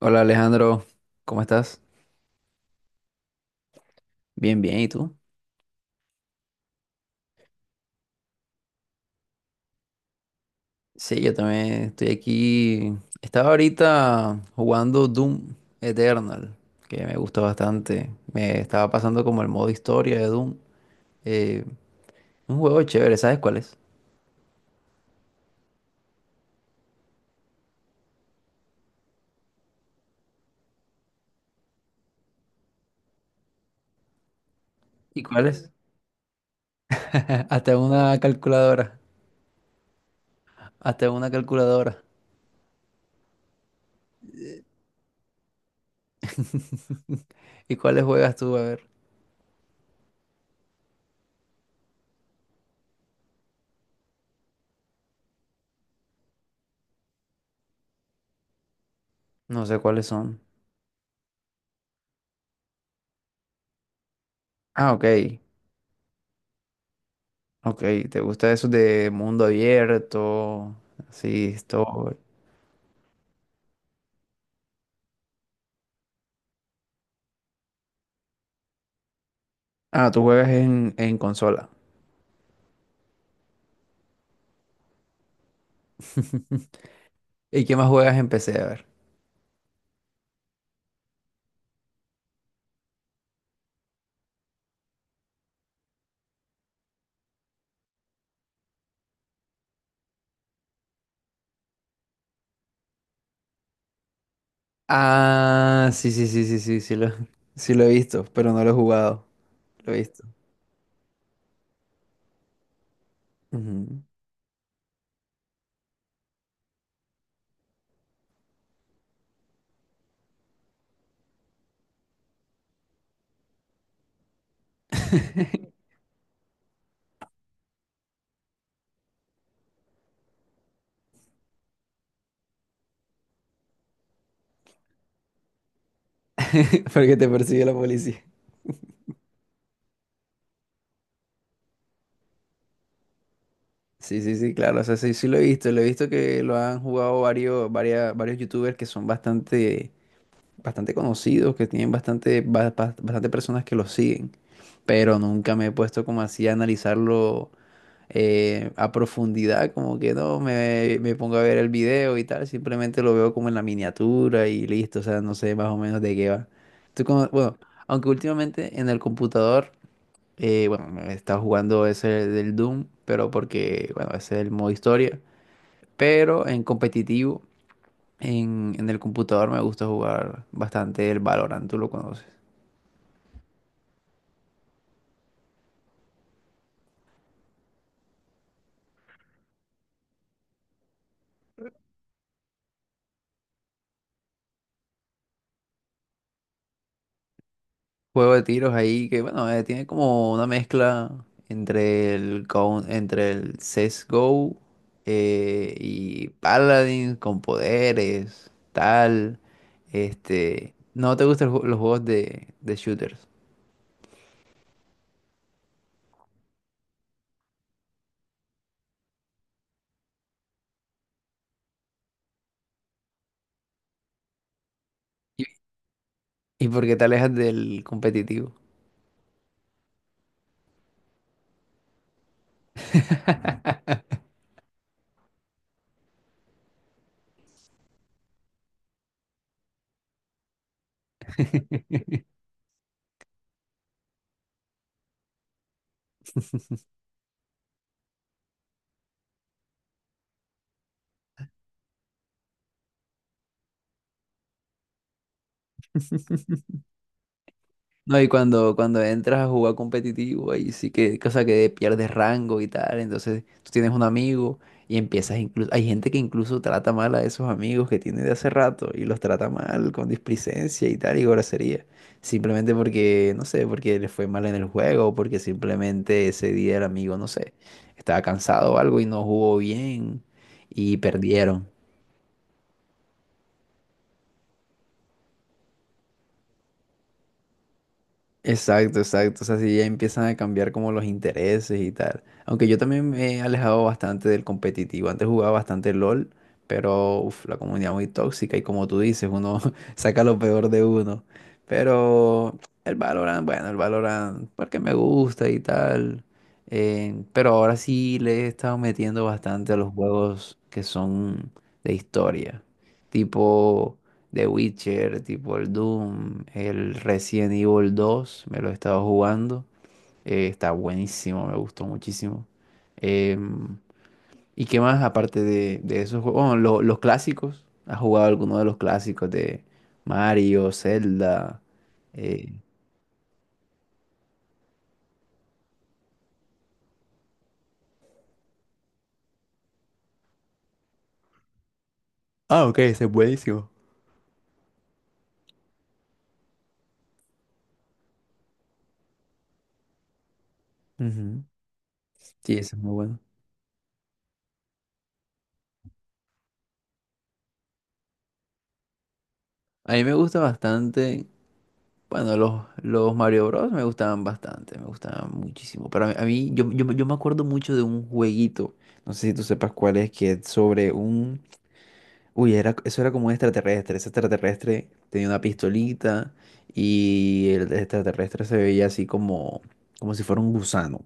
Hola Alejandro, ¿cómo estás? Bien, bien, ¿y tú? Sí, yo también estoy aquí. Estaba ahorita jugando Doom Eternal, que me gusta bastante. Me estaba pasando como el modo historia de Doom. Eh, un juego chévere, ¿sabes cuál es? ¿Y cuál es? Hasta una calculadora. Hasta una calculadora. ¿Y cuáles juegas tú? A ver. No sé cuáles son. Ah, ok. Ok, ¿te gusta eso de mundo abierto? Sí, esto. Ah, tú juegas en consola. ¿Y qué más juegas en PC? A ver. Ah, sí, sí, sí, sí, sí, sí lo, sí lo he visto, pero no lo he jugado. Lo he visto. Ujú. Porque te persigue la policía. Sí, sí, sí, claro. O sea, sí, sí lo he visto. Lo he visto que lo han jugado varios, varias, varios youtubers que son bastante, bastante conocidos, que tienen bastante, bastante personas que los siguen. Pero nunca me he puesto como así a analizarlo a profundidad, como que no me pongo a ver el video y tal, simplemente lo veo como en la miniatura y listo, o sea, no sé más o menos de qué va. Bueno, aunque últimamente en el computador, bueno, me está jugando ese del Doom, pero porque, bueno, ese es el modo historia, pero en competitivo, en el computador me gusta jugar bastante el Valorant, ¿tú lo conoces? Juego de tiros ahí que, bueno, tiene como una mezcla entre el CSGO y Paladins con poderes, tal. Este, ¿no te gustan los los juegos de shooters? ¿Y, y por qué te alejas del competitivo? No, y cuando entras a jugar competitivo, ahí sí que, cosa que pierdes rango y tal, entonces tú tienes un amigo y empiezas incluso, hay gente que incluso trata mal a esos amigos que tiene de hace rato y los trata mal con displicencia y tal y grosería, simplemente porque, no sé, porque les fue mal en el juego o porque simplemente ese día el amigo, no sé, estaba cansado o algo y no jugó bien y perdieron. Exacto, exacto. O sea, sí, ya empiezan a cambiar como los intereses y tal. Aunque yo también me he alejado bastante del competitivo. Antes jugaba bastante LOL, pero uf, la comunidad muy tóxica y como tú dices, uno saca lo peor de uno. Pero el Valorant, bueno, el Valorant, porque me gusta y tal. Pero ahora sí le he estado metiendo bastante a los juegos que son de historia. Tipo... The Witcher, tipo el Doom, el Resident Evil 2, me lo he estado jugando. Está buenísimo, me gustó muchísimo. Em, ¿y qué más aparte de esos juegos? Bueno, los clásicos. ¿Has jugado alguno de los clásicos de Mario, Zelda? Eh, Ah, ok, ese es buenísimo. Ujú. Sí, eso es muy bueno. A mí me gusta bastante. Bueno, los Mario Bros. Me gustaban bastante, me gustaban muchísimo. Para mí, a mí yo me acuerdo mucho de un jueguito, no sé si tú sepas cuál es, que es sobre un... Uy, eso era como un extraterrestre. Ese extraterrestre tenía una pistolita y el extraterrestre se veía así como si fuera un gusano,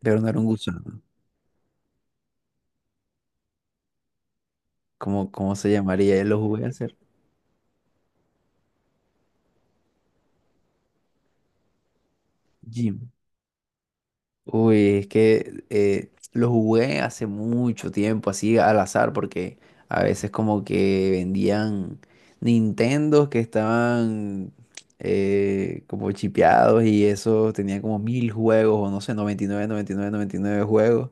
pero no era un gusano. ¿Cómo se llamaría? Lo jugué a hacer. Jim. Uy, es que lo jugué hace mucho tiempo, así al azar, porque a veces como que vendían Nintendos que estaban como chipeados y eso tenía como mil juegos, o no sé, noventa y nueve, 99, 99 juegos.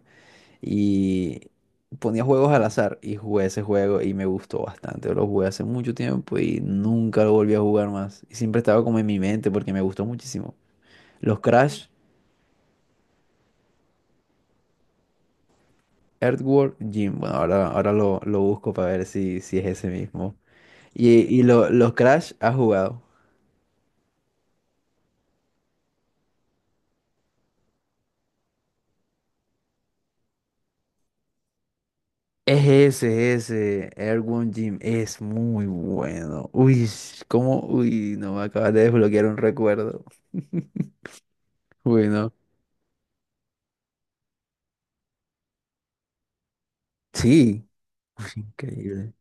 Y ponía juegos al azar y jugué ese juego y me gustó bastante. Lo jugué hace mucho tiempo y nunca lo volví a jugar más. Y siempre estaba como en mi mente porque me gustó muchísimo. Los Crash, Earthworm Jim. Bueno, ahora lo busco para ver si, es ese mismo. Y los Crash has jugado. Es ese, es ese. Earthworm Jim es muy bueno. Uy, ¿cómo? Uy, no me acabas de desbloquear un recuerdo. Bueno, sí. Increíble.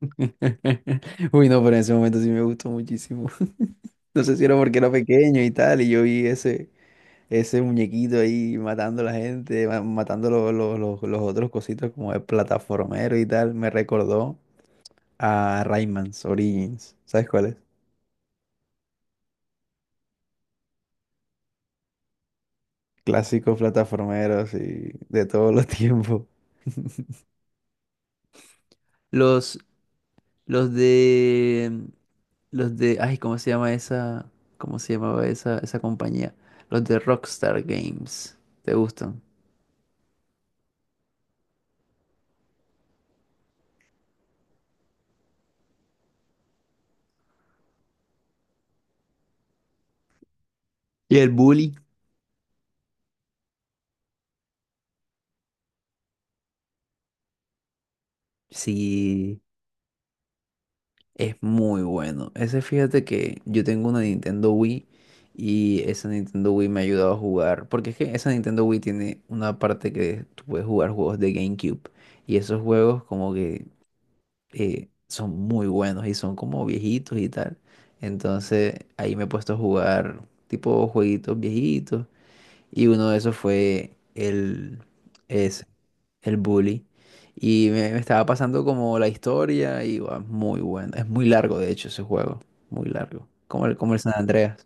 Uy, no, pero en ese momento sí me gustó muchísimo. No sé si era porque era pequeño y tal, y yo vi ese muñequito ahí matando a la gente, matando los otros cositos como el plataformero y tal, me recordó a Rayman's Origins. ¿Sabes cuál es? Clásicos plataformeros y de todos los tiempos. Los, los de, los de, ay, ¿cómo se llama esa, cómo se llamaba esa compañía? Los de Rockstar Games. ¿Te gustan? ¿Y el Bully? Sí. Es muy bueno. Ese, fíjate que yo tengo una Nintendo Wii y esa Nintendo Wii me ha ayudado a jugar, porque es que esa Nintendo Wii tiene una parte que tú puedes jugar juegos de GameCube y esos juegos como que son muy buenos y son como viejitos y tal. Entonces ahí me he puesto a jugar tipo jueguitos viejitos y uno de esos fue ese, el bully. Y me estaba pasando como la historia y guau, muy bueno. Es muy largo, de hecho, ese juego. Muy largo. Como el San Andreas.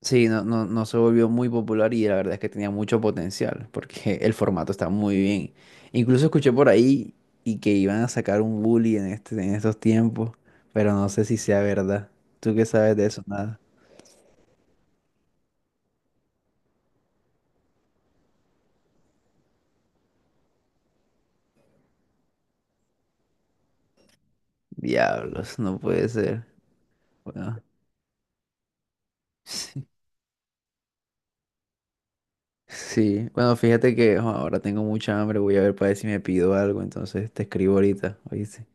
Sí, no, no, no se volvió muy popular y la verdad es que tenía mucho potencial porque el formato está muy bien. Incluso escuché por ahí y que iban a sacar un bully en este, en estos tiempos, pero no sé si sea verdad. ¿Tú qué sabes de eso? Nada. Diablos, no puede ser. Bueno. Sí, bueno, fíjate que jo, ahora tengo mucha hambre, voy a ver para ver si me pido algo, entonces te escribo ahorita, ¿oíste?